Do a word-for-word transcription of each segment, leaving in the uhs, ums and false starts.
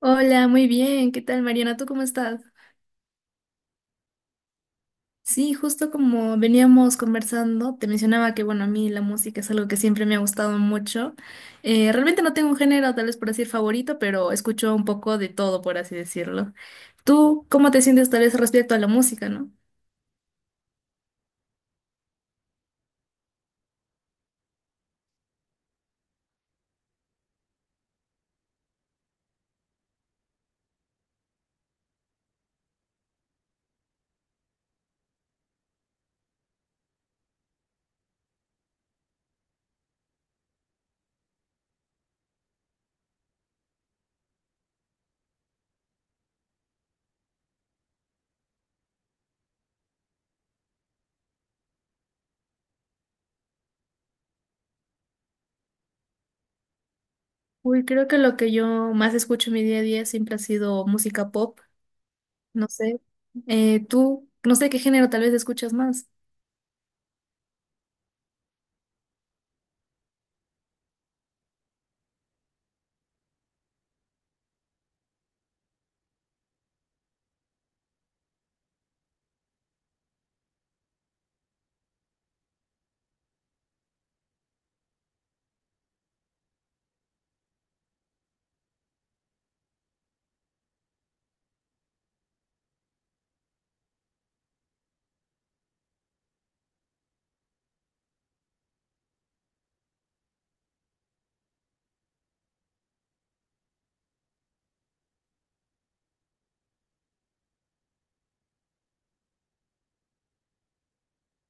Hola, muy bien. ¿Qué tal, Mariana? ¿Tú cómo estás? Sí, justo como veníamos conversando, te mencionaba que, bueno, a mí la música es algo que siempre me ha gustado mucho. Eh, realmente no tengo un género, tal vez por decir favorito, pero escucho un poco de todo, por así decirlo. ¿Tú cómo te sientes tal vez respecto a la música, no? Uy, creo que lo que yo más escucho en mi día a día siempre ha sido música pop, no sé. Eh, tú, no sé qué género tal vez escuchas más.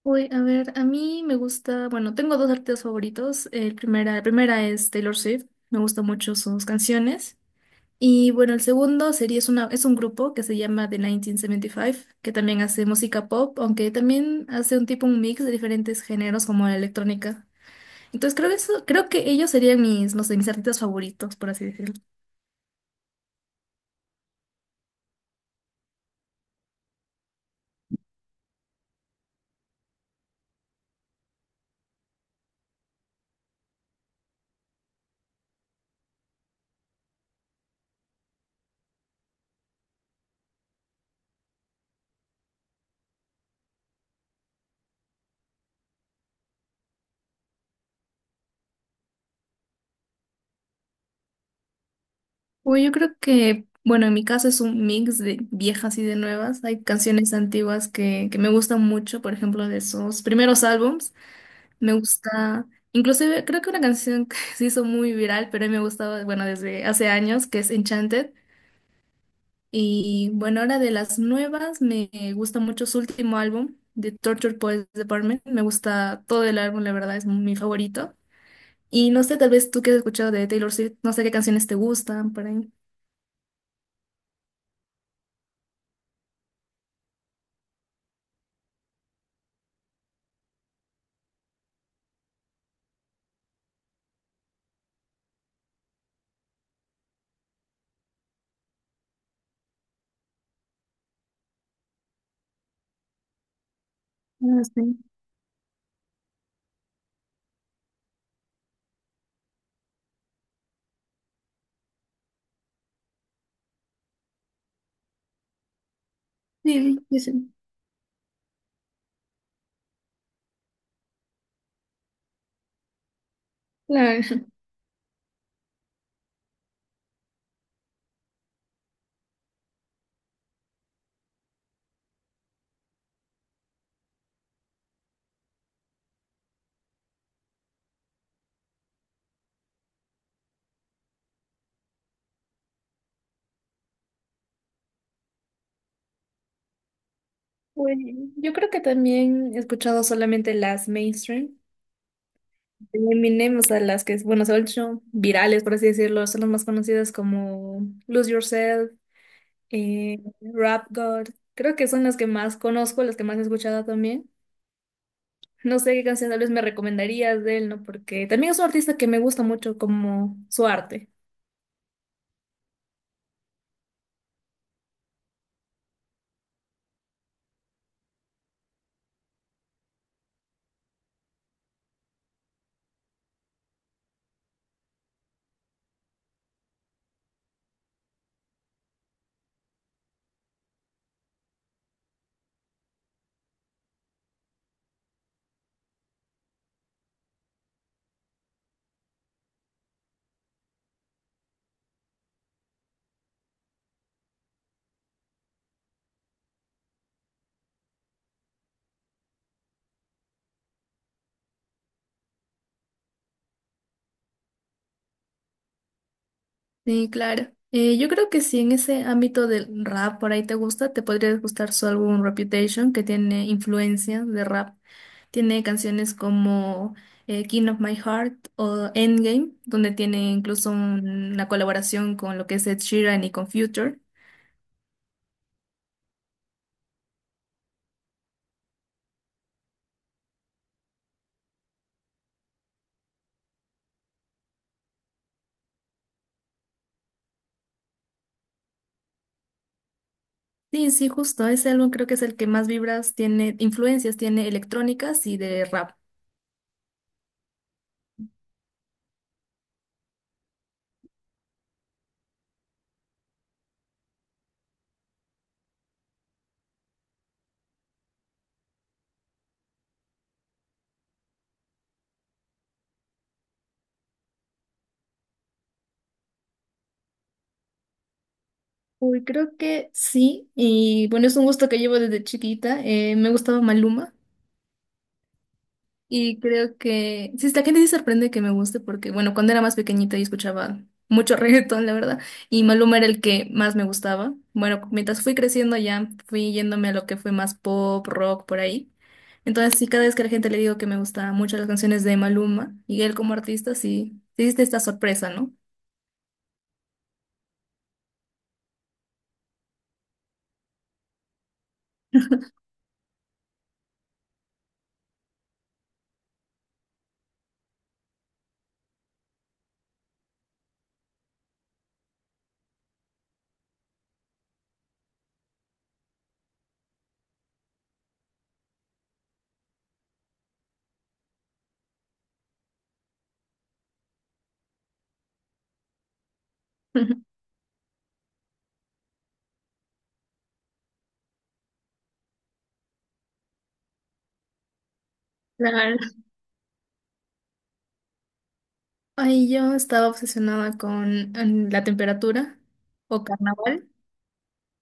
Uy, a ver, a mí me gusta, bueno, tengo dos artistas favoritos. El primera, la primera es Taylor Swift, me gustan mucho sus canciones. Y bueno, el segundo sería, es una, es un grupo que se llama The uno nueve siete cinco, que también hace música pop, aunque también hace un tipo, un mix de diferentes géneros como la electrónica. Entonces creo que eso, creo que ellos serían mis, no sé, mis artistas favoritos, por así decirlo. Uy, yo creo que, bueno, en mi caso es un mix de viejas y de nuevas. Hay canciones antiguas que, que me gustan mucho, por ejemplo, de esos primeros álbums. Me gusta, inclusive creo que una canción que se hizo muy viral, pero a mí me gustaba, bueno, desde hace años, que es Enchanted. Y bueno, ahora de las nuevas, me gusta mucho su último álbum, The Torture Poets Department. Me gusta todo el álbum, la verdad, es mi favorito. Y no sé, tal vez tú que has escuchado de Taylor Swift, no sé qué canciones te gustan por ahí. No sé. Sí, sí, sí, sí. Claro. Pues, yo creo que también he escuchado solamente las mainstream de Eminem, o sea, las que, bueno, se han hecho virales, por así decirlo, son las más conocidas como Lose Yourself, eh, Rap God. Creo que son las que más conozco, las que más he escuchado también. No sé qué canción tal vez me recomendarías de él, ¿no? Porque también es un artista que me gusta mucho como su arte. Sí, claro. Eh, yo creo que si en ese ámbito del rap por ahí te gusta, te podría gustar su álbum Reputation, que tiene influencia de rap. Tiene canciones como eh, King of My Heart o Endgame, donde tiene incluso un- una colaboración con lo que es Ed Sheeran y con Future. Sí, sí, justo. Ese álbum creo que es el que más vibras tiene, influencias tiene electrónicas y de rap. Uy, creo que sí. Y bueno, es un gusto que llevo desde chiquita. Eh, me gustaba Maluma. Y creo que, sí, la gente sí sorprende que me guste porque, bueno, cuando era más pequeñita yo escuchaba mucho reggaetón, la verdad, y Maluma era el que más me gustaba. Bueno, mientras fui creciendo ya fui yéndome a lo que fue más pop, rock, por ahí. Entonces, sí, cada vez que a la gente le digo que me gustaban mucho las canciones de Maluma y él como artista, sí, sí existe esta sorpresa, ¿no? Claro. Ay, yo estaba obsesionada con mm, la temperatura o carnaval,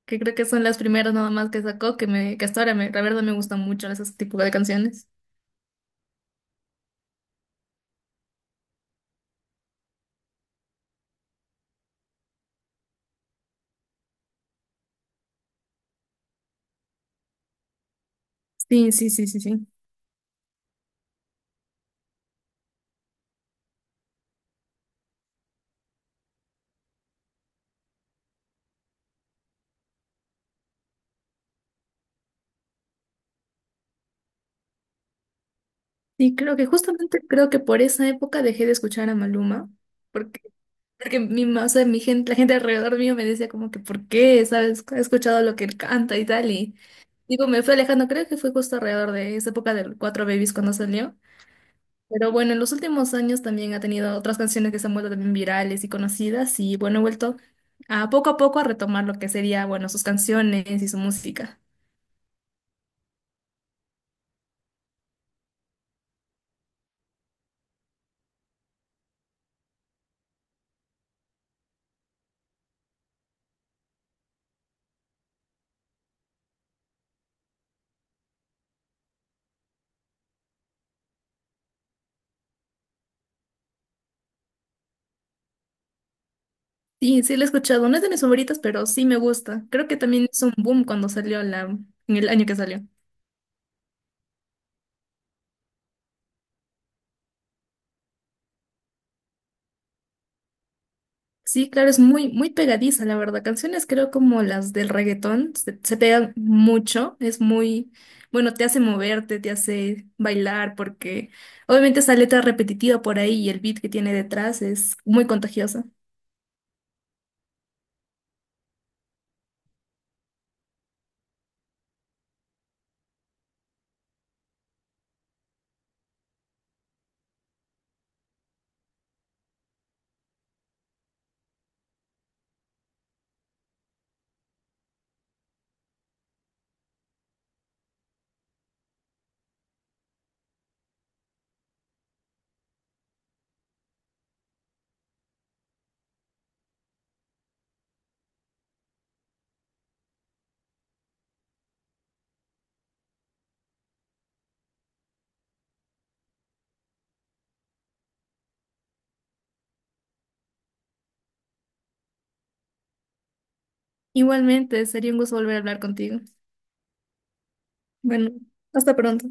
que creo que son las primeras nada más que sacó, que me, que hasta ahora me, la verdad me gustan mucho ese tipo de canciones. Sí, sí, sí, sí, sí. Sí, creo que justamente creo que por esa época dejé de escuchar a Maluma, porque, porque mi, ma- o sea, mi gente, la gente alrededor mío me decía como que ¿por qué? ¿Sabes? He escuchado lo que él canta y tal, y digo, me fue alejando, creo que fue justo alrededor de esa época del Cuatro Babies cuando salió. Pero bueno, en los últimos años también ha tenido otras canciones que se han vuelto también virales y conocidas y bueno, he vuelto a poco a poco a retomar lo que sería, bueno, sus canciones y su música. Sí, sí la he escuchado, no es de mis favoritas, pero sí me gusta. Creo que también hizo un boom cuando salió la, en el año que salió. Sí, claro, es muy, muy pegadiza, la verdad. Canciones creo como las del reggaetón, se, se pegan mucho, es muy, bueno, te hace moverte, te hace bailar, porque obviamente esa letra repetitiva por ahí y el beat que tiene detrás es muy contagiosa. Igualmente, sería un gusto volver a hablar contigo. Bueno, hasta pronto.